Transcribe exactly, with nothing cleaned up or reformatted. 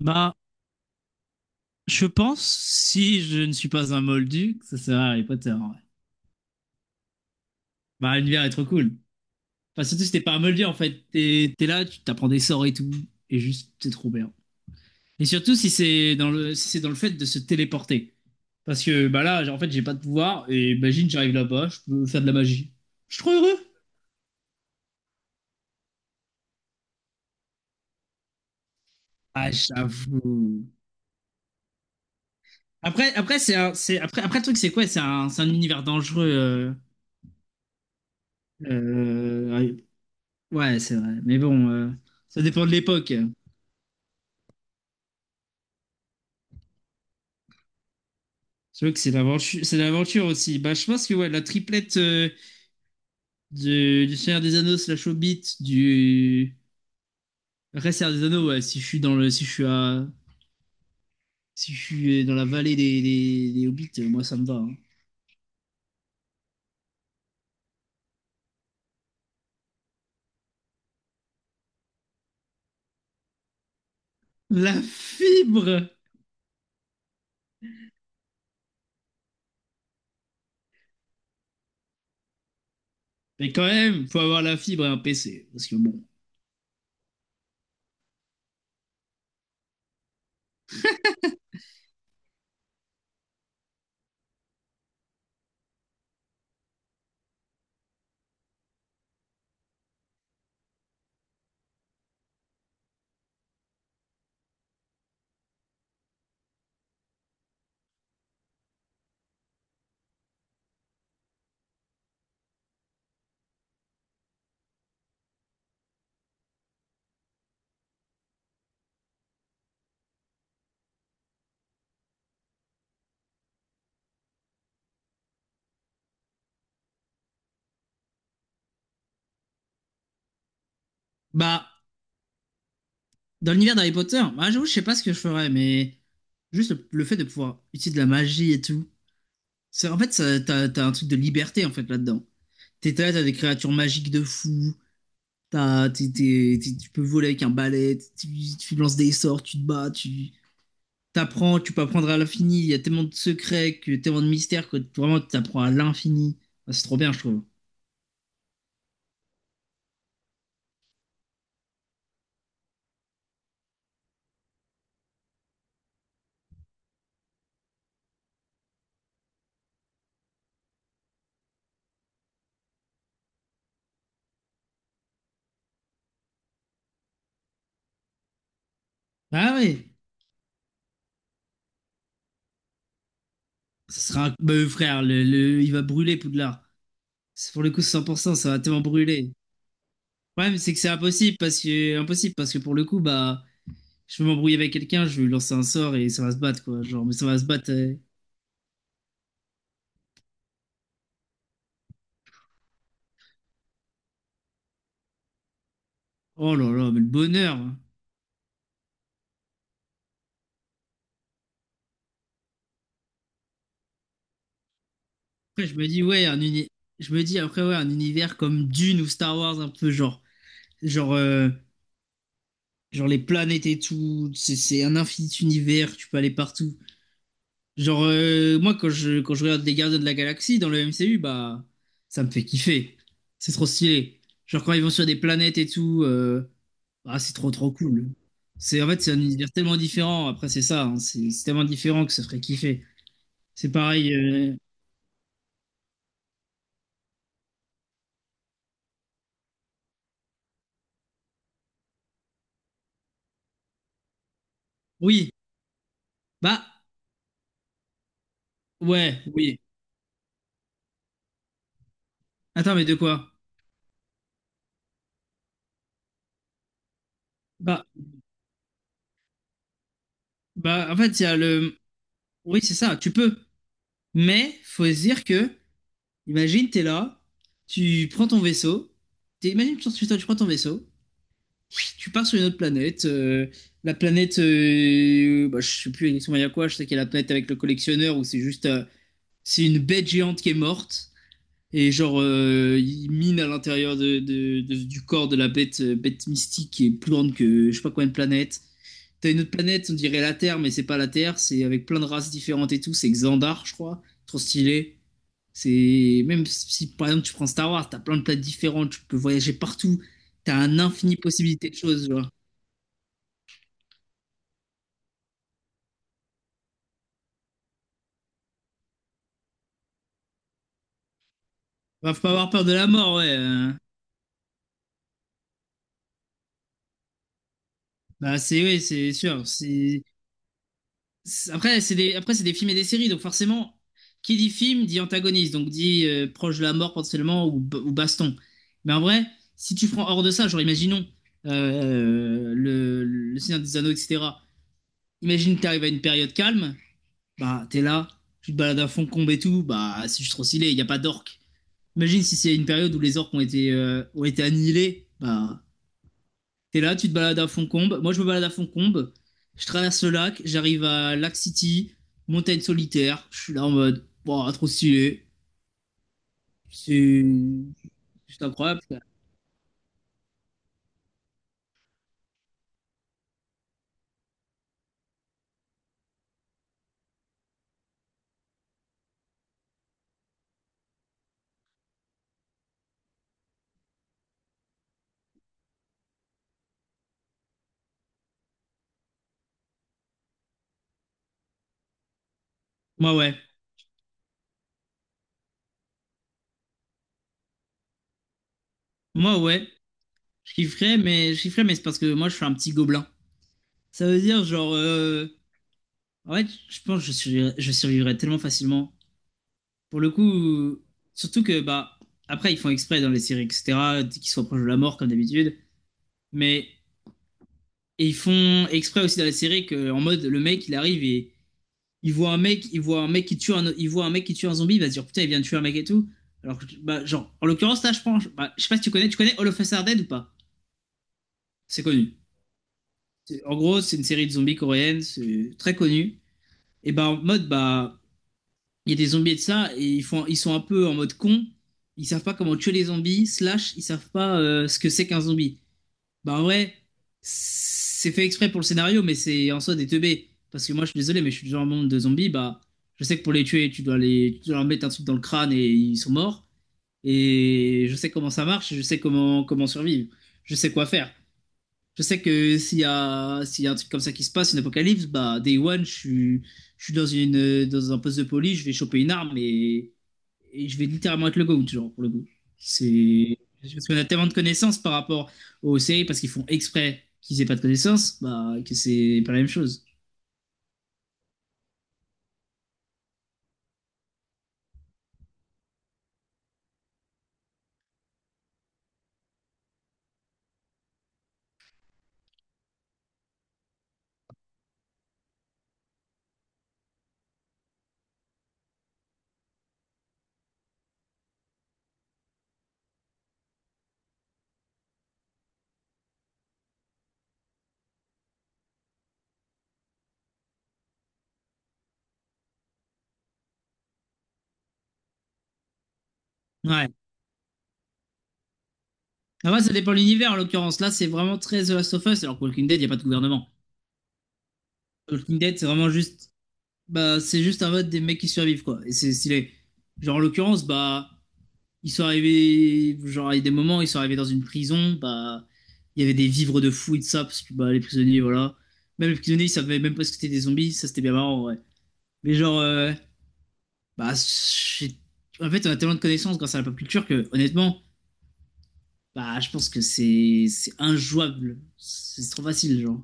Bah, je pense, si je ne suis pas un moldu, que ça sert à Harry Potter, en vrai. Bah, l'univers est trop cool. Enfin, surtout si t'es pas un moldu, en fait. T'es, t'es là, tu t'apprends des sorts et tout. Et juste, c'est trop bien. Et surtout si c'est dans le, si c'est dans le fait de se téléporter. Parce que, bah là, j'ai- en fait, j'ai pas de pouvoir. Et imagine, j'arrive là-bas, je peux faire de la magie. Je suis trop heureux. Ah, j'avoue. Après, après, c'est un, c'est, après, après, le truc, c'est quoi? C'est un, c'est un univers dangereux. euh, euh, ouais, c'est vrai. Mais bon, euh, ça dépend de l'époque. C'est vrai que c'est l'aventure, c'est l'aventure aussi. Bah, je pense que ouais, la triplette euh, de- du Seigneur des Anneaux slash Hobbit, du Après, Seigneur des Anneaux, ouais, si je suis dans le, si je suis à, si je suis dans la vallée des, des, des Hobbits, euh, moi ça me va, hein. La fibre! Mais quand même, faut avoir la fibre et un P C, parce que bon. Bah, dans l'univers d'Harry Potter, bah, j'avoue, je sais pas ce que je ferais, mais juste le, le fait de pouvoir utiliser de la magie et tout. C'est, en fait, ça- t'as, t'as un truc de liberté en fait là-dedans. T'es là, t'as des créatures magiques de fou. T'as- t'es- t'es- t'es- tu peux voler avec un balai, tu, tu lances des sorts, tu te bats, tu t'apprends, tu peux apprendre à l'infini. Il y a tellement de secrets, que, tellement de mystères que vraiment tu apprends à l'infini. Ah, c'est trop bien, je trouve. Ah ouais, ça sera un bah, euh, frère, le, le- il va brûler Poudlard. C'est- Pour le coup, cent pour cent, ça va tellement brûler. Le problème, c'est que c'est impossible parce que, impossible parce que pour le coup, bah, je vais m'embrouiller avec quelqu'un, je vais lui lancer un sort et ça va se battre, quoi. Genre, mais ça va se battre. euh. Oh là là, mais le bonheur, hein. Après, je me dis, ouais, un uni- je me dis après, ouais, un univers comme Dune ou Star Wars, un peu genre, genre, euh, genre les planètes et tout, c'est c'est un infini univers, tu peux aller partout. Genre, euh, moi, quand je, quand je regarde les Gardiens de la Galaxie dans le M C U, bah, ça me fait kiffer. C'est trop stylé. Genre, quand ils vont sur des planètes et tout, euh, ah, c'est trop, trop cool. C'est, en fait, c'est un univers tellement différent. Après, c'est ça, hein, c'est c'est tellement différent que ça ferait kiffer. C'est pareil. euh, Oui, bah, ouais, oui. Attends, mais de quoi? Bah, bah, en fait, il y a le. Oui, c'est ça, tu peux. Mais faut se dire que, imagine, t'es là, tu prends ton vaisseau, t'es- imagine, tu tu- tu prends ton vaisseau, tu pars sur une autre planète. Euh, la planète, euh, bah, je sais plus exactement il y a quoi, je sais qu'il y a la planète avec le collectionneur où c'est juste, euh, c'est une bête géante qui est morte. Et genre, euh, il mine à l'intérieur de, de- de- du corps de la bête, euh, bête mystique qui est plus grande que je sais pas combien de planètes. T'as une autre planète, on dirait la Terre, mais c'est pas la Terre, c'est avec plein de races différentes et tout. C'est Xandar, je crois. Trop stylé. C'est même si par exemple tu prends Star Wars, t'as plein de planètes différentes, tu peux voyager partout. T'as un infini possibilité de choses, genre. Bah, faut pas avoir peur de la mort, ouais. euh. Bah c'est ouais, c'est sûr. C'est c'est- Après, c'est des, après, c'est des films et des séries, donc forcément, qui dit film dit antagoniste, donc dit euh, proche de la mort potentiellement ou, b- ou baston. Mais en vrai, si tu prends hors de ça, genre imaginons euh, euh, le, le Seigneur des Anneaux, et cetera. Imagine t'arrives à une période calme, bah t'es là, tu te balades à Fontcombe et tout, bah c'est juste trop stylé, il n'y a pas d'orques. Imagine si c'est une période où les orques ont été, euh, ont été annihilés. Bah, t'es là, tu te balades à Foncombe. Moi, je me balade à Foncombe. Je traverse le lac, j'arrive à Lac City, montagne solitaire. Je suis là en mode, wow, trop stylé. C'est c'est incroyable. Moi, ouais. Moi, ouais. Je kifferais, mais je kifferais, mais c'est parce que moi, je suis un petit gobelin. Ça veut dire, genre, euh, en fait, je pense que je survivrais, je survivrais tellement facilement. Pour le coup, surtout que, bah, après, ils font exprès dans les séries, et cetera, qu'ils soient proches de la mort, comme d'habitude. Mais et ils font exprès aussi dans la série que, en mode, le mec, il arrive et il voit un mec, il voit un mec qui tue un, il voit un mec qui tue un zombie, il va se dire putain, il vient de tuer un mec et tout. Alors, bah, genre, en l'occurrence, là, je pense, bah, je sais pas si tu connais, tu connais All of Us Are Dead ou pas. C'est connu. C'est- En gros, c'est une série de zombies coréenne, c'est très connu. Et bah, en mode, bah, il y a des zombies et de ça, et ils, font, ils sont un peu en mode con. Ils savent pas comment tuer les zombies, slash, ils savent pas euh, ce que c'est qu'un zombie. Bah en vrai, c'est fait exprès pour le scénario, mais c'est en soi des teubés. Parce que moi, je suis désolé, mais je suis du genre monde de zombies. Bah, je sais que pour les tuer, tu dois les, tu dois leur mettre un truc dans le crâne et ils sont morts. Et je sais comment ça marche, et je sais comment comment survivre, je sais quoi faire. Je sais que s'il y a s'il y a un truc comme ça qui se passe, une apocalypse, bah day one, je suis je suis dans une dans un poste de police, je vais choper une arme et et je vais littéralement être le GOAT, genre, pour le coup. C'est. Parce qu'on a tellement de connaissances par rapport aux séries, parce qu'ils font exprès qu'ils aient pas de connaissances, bah, que c'est pas la même chose. Ouais. Après, ça dépend de l'univers, en l'occurrence. Là, c'est vraiment très The Last of Us, alors que Walking Dead, il n'y a pas de gouvernement. Walking Dead, c'est vraiment juste. Bah, c'est juste un mode des mecs qui survivent, quoi. Et c'est stylé. Genre, en l'occurrence, bah. Ils sont arrivés, genre, il y a des moments, ils sont arrivés dans une prison, bah, il y avait des vivres de fou et de ça, parce que bah, les prisonniers, voilà. Même les prisonniers, ils savaient même pas ce que c'était des zombies, ça c'était bien marrant, ouais. Mais genre, euh, bah, j'ai- en fait, on a tellement de connaissances grâce à la pop culture que, honnêtement, bah, je pense que c'est c'est injouable. C'est c'est trop facile, genre.